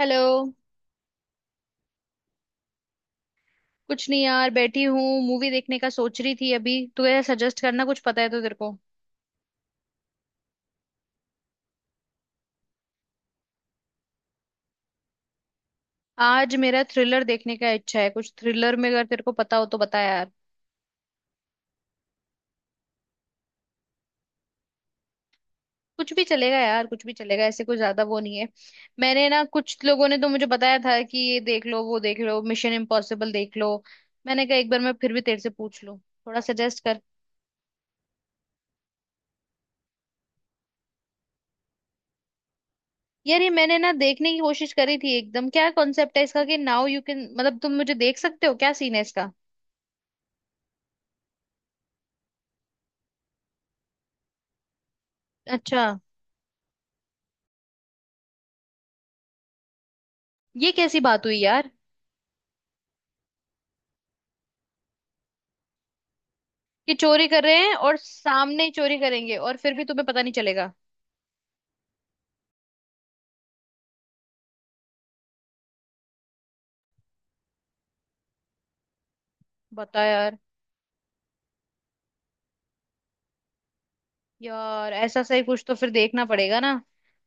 Hello. कुछ नहीं यार, बैठी हूँ मूवी देखने का सोच रही थी अभी। तू यार सजेस्ट करना, कुछ पता है तो तेरे को। आज मेरा थ्रिलर देखने का इच्छा है। कुछ थ्रिलर में अगर तेरे को पता हो तो बता यार। कुछ भी चलेगा यार, कुछ भी चलेगा, ऐसे कोई ज्यादा वो नहीं है। मैंने ना, कुछ लोगों ने तो मुझे बताया था कि ये देख लो, वो देख लो, मिशन इम्पॉसिबल देख लो। मैंने कहा एक बार मैं फिर भी तेरे से पूछ लूँ, थोड़ा सजेस्ट कर। यार, ये मैंने ना देखने की कोशिश करी थी एकदम। क्या कॉन्सेप्ट है इसका कि नाउ यू कैन, मतलब तुम मुझे देख सकते हो, क्या सीन है इसका? अच्छा। ये कैसी बात हुई यार? कि चोरी कर रहे हैं और सामने ही चोरी करेंगे और फिर भी तुम्हें पता नहीं चलेगा? बता यार। यार ऐसा सही कुछ तो फिर देखना पड़ेगा ना।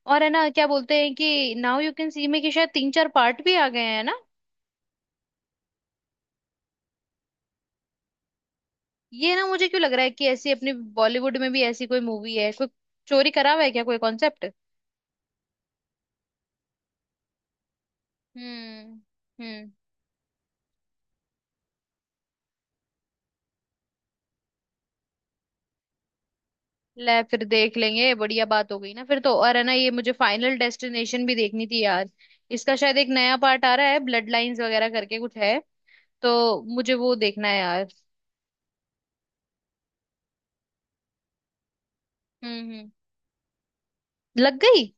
और है ना, क्या बोलते हैं कि नाउ यू कैन सी में, कि शायद तीन चार पार्ट भी आ गए हैं ना। ये ना मुझे क्यों लग रहा है कि ऐसी अपनी बॉलीवुड में भी ऐसी कोई मूवी है, कोई चोरी करा हुआ है क्या, कोई कॉन्सेप्ट? हम्म। हम्म। ले, फिर देख लेंगे, बढ़िया बात हो गई ना फिर तो। और है ना, ये मुझे फाइनल डेस्टिनेशन भी देखनी थी यार। इसका शायद एक नया पार्ट आ रहा है, ब्लड लाइंस वगैरह करके कुछ है। तो मुझे वो देखना है यार। हम्म। हम्म। लग गई?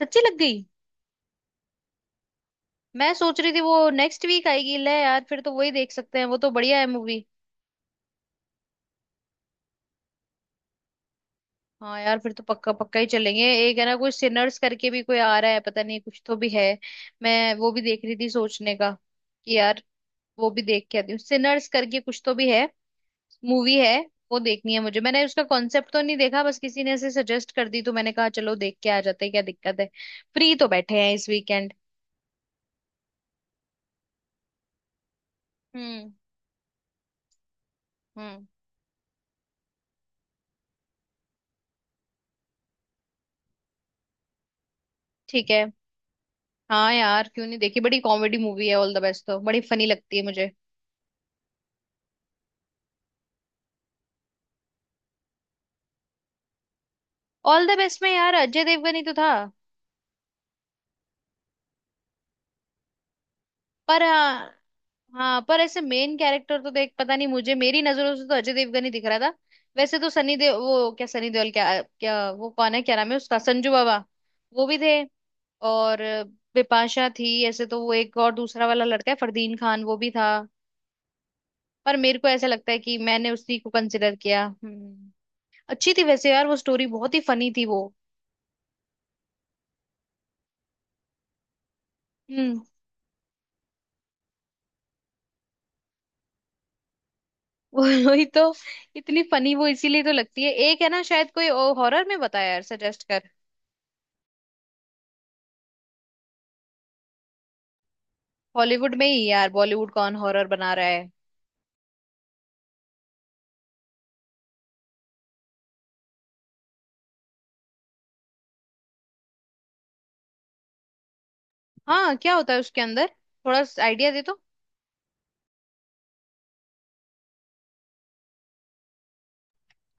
सच्ची लग गई? मैं सोच रही थी वो नेक्स्ट वीक आएगी। ले यार, फिर तो वही देख सकते हैं, वो तो बढ़िया है मूवी। हाँ यार, फिर तो पक्का पक्का ही चलेंगे। एक है ना, कोई सिनर्स करके भी कोई आ रहा है, पता नहीं कुछ तो भी है। मैं वो भी देख रही थी, सोचने का कि यार, वो भी देख के आती हूँ। सिनर्स करके कुछ तो भी है, मूवी है, वो देखनी है मुझे। मैंने उसका कॉन्सेप्ट तो नहीं देखा, बस किसी ने ऐसे सजेस्ट कर दी तो मैंने कहा चलो देख के आ जाते हैं, क्या दिक्कत है। फ्री तो बैठे हैं इस वीकेंड। हम्म। हम्म। ठीक है। हाँ यार, क्यों नहीं देखी, बड़ी कॉमेडी मूवी है ऑल द बेस्ट, तो बड़ी फनी लगती है मुझे। ऑल द बेस्ट में यार अजय देवगन ही तो था। पर हाँ। हाँ, पर ऐसे मेन कैरेक्टर तो देख, पता नहीं मुझे, मेरी नजरों से तो अजय देवगन ही दिख रहा था। वैसे तो सनी देओल, वो क्या सनी देओल, क्या क्या वो कौन है, क्या नाम है उसका, संजू बाबा, वो भी थे। और बिपाशा थी ऐसे, तो वो एक और दूसरा वाला लड़का है फरदीन खान, वो भी था। पर मेरे को ऐसा लगता है कि मैंने उसी को कंसिडर किया। हम्म। अच्छी थी वैसे यार वो स्टोरी, बहुत ही फनी थी वो। हम्म। वही तो। इतनी फनी वो इसीलिए तो लगती है। एक है ना, शायद कोई हॉरर में बता यार, सजेस्ट कर। हॉलीवुड में ही यार, बॉलीवुड कौन हॉरर बना रहा है। हाँ, क्या होता है उसके अंदर? थोड़ा आइडिया दे तो।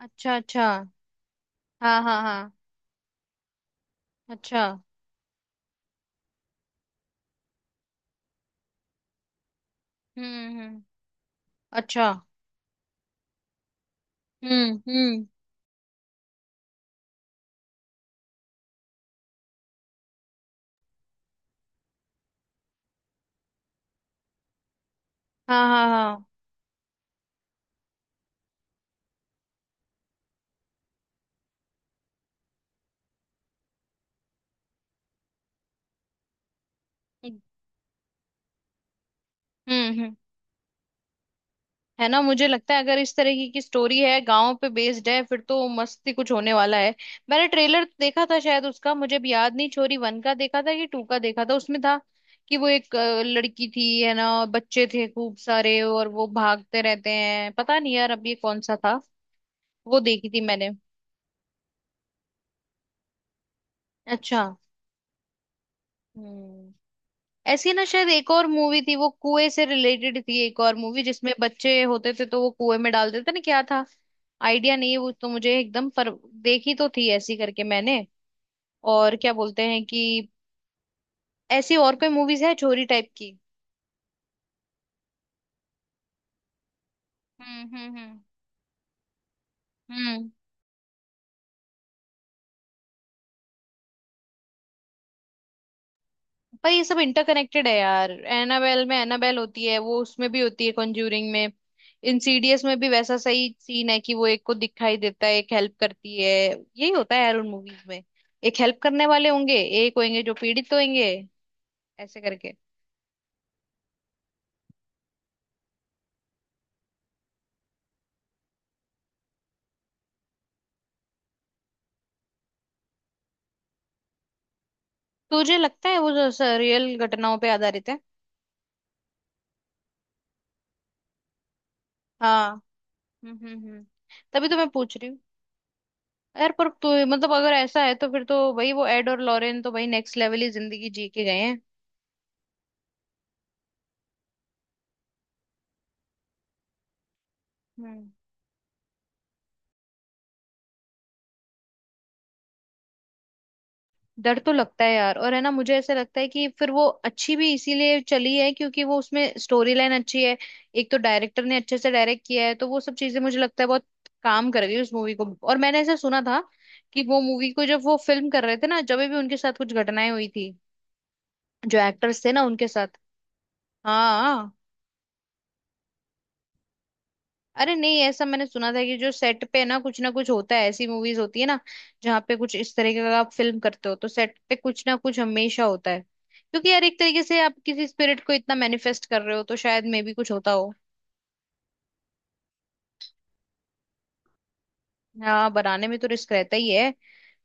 अच्छा, अच्छा। हाँ, हाँ, हाँ। अच्छा। हम्म। हम्म। अच्छा। हम्म। हम्म। हाँ, हाँ, हाँ। हम्म। हम्म। है ना, मुझे लगता है अगर इस तरह की स्टोरी है, गांव पे बेस्ड है, फिर तो मस्ती कुछ होने वाला है। मैंने ट्रेलर देखा था शायद उसका, मुझे भी याद नहीं, छोरी वन का देखा था कि टू का देखा था, उसमें था कि वो एक लड़की थी है ना, बच्चे थे खूब सारे और वो भागते रहते हैं। पता नहीं यार अब ये कौन सा था, वो देखी थी मैंने। अच्छा। हम्म। ऐसी ना शायद एक और मूवी थी, वो कुएं से रिलेटेड थी, एक और मूवी जिसमें बच्चे होते थे तो वो कुएं में डालते थे ना, क्या था? आइडिया नहीं है वो तो मुझे एकदम, पर देखी तो थी ऐसी करके मैंने। और क्या बोलते हैं कि ऐसी और कोई मूवीज है चोरी टाइप की? हम्म। हम्म। हम्म। हम्म। पर ये सब इंटरकनेक्टेड है यार, एनाबेल में एनाबेल होती है, वो उसमें भी होती है कॉन्ज्यूरिंग में। इंसीडियस में भी वैसा सही सीन है कि वो एक को दिखाई देता है, एक हेल्प करती है। यही होता है यार उन मूवीज में, एक हेल्प करने वाले होंगे, एक होंगे जो पीड़ित होंगे, ऐसे करके। तुझे लगता है वो जो रियल घटनाओं पे आधारित है? हाँ। हम्म। हम्म। हम्म। तभी तो मैं पूछ रही हूँ। यार पर तू मतलब, अगर ऐसा है तो फिर तो भाई, वो एड और लॉरेन तो भाई नेक्स्ट लेवल ही जिंदगी जी के गए हैं। हम्म। डर तो लगता है यार। और है ना, मुझे ऐसा लगता है कि फिर वो अच्छी भी इसीलिए चली है क्योंकि वो उसमें स्टोरी लाइन अच्छी है। एक तो डायरेक्टर ने अच्छे से डायरेक्ट किया है, तो वो सब चीजें मुझे लगता है बहुत काम कर गई उस मूवी को। और मैंने ऐसा सुना था कि वो मूवी को जब वो फिल्म कर रहे थे ना, जब भी उनके साथ कुछ घटनाएं हुई थी, जो एक्टर्स थे ना उनके साथ। हाँ। अरे नहीं, ऐसा मैंने सुना था कि जो सेट पे ना कुछ होता है ऐसी मूवीज होती है ना, जहाँ पे कुछ इस तरीके का आप फिल्म करते हो तो सेट पे कुछ ना कुछ हमेशा होता है, क्योंकि यार एक तरीके से आप किसी स्पिरिट को इतना मैनिफेस्ट कर रहे हो तो शायद मे भी कुछ होता हो। हाँ, बनाने में तो रिस्क रहता ही है।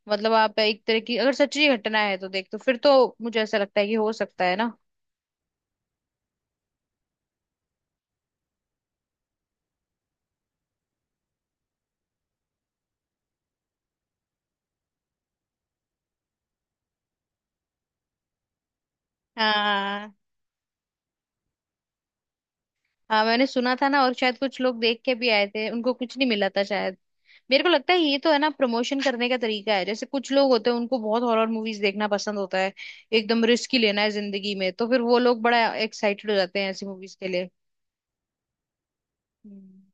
मतलब आप एक तरह की, अगर सच्ची घटना है तो देख तो फिर तो मुझे ऐसा लगता है कि हो सकता है ना। हाँ। हाँ, मैंने सुना था ना, और शायद कुछ लोग देख के भी आए थे, उनको कुछ नहीं मिला था शायद। मेरे को लगता है ये तो है ना प्रमोशन करने का तरीका है, जैसे कुछ लोग होते हैं उनको बहुत हॉरर मूवीज देखना पसंद होता है, एकदम रिस्क ही लेना है जिंदगी में, तो फिर वो लोग बड़ा एक्साइटेड हो जाते हैं ऐसी मूवीज के लिए। हम्म।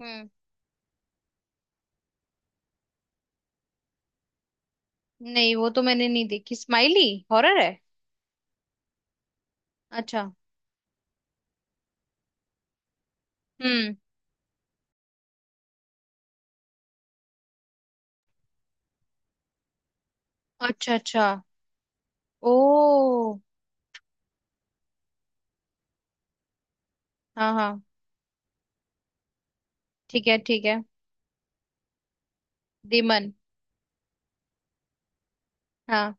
हम्म, नहीं, वो तो मैंने नहीं देखी स्माइली। हॉरर है? अच्छा। हम्म। अच्छा, अच्छा। ओ। हाँ, हाँ। ठीक है, ठीक है। दीमन? हाँ।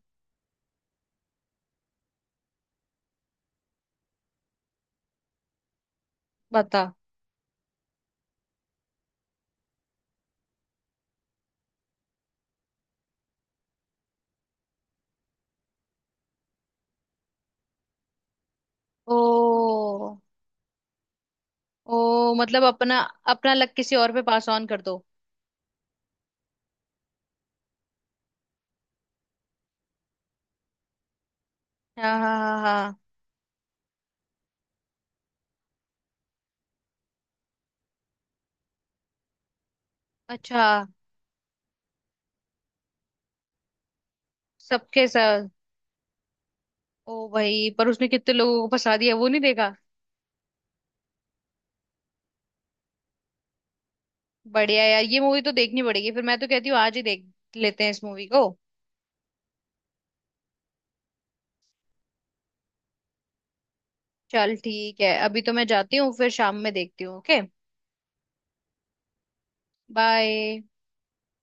बता। ओ। ओ मतलब अपना, अपना लक किसी और पे पास ऑन कर दो। हाँ, हाँ, हाँ, हाँ। अच्छा। सबके साथ। ओ भाई, पर उसने कितने लोगों को फंसा दिया वो नहीं देखा। बढ़िया यार, ये मूवी तो देखनी पड़ेगी फिर। मैं तो कहती हूँ आज ही देख लेते हैं इस मूवी को। चल ठीक है, अभी तो मैं जाती हूँ, फिर शाम में देखती हूँ। ओके। बाय।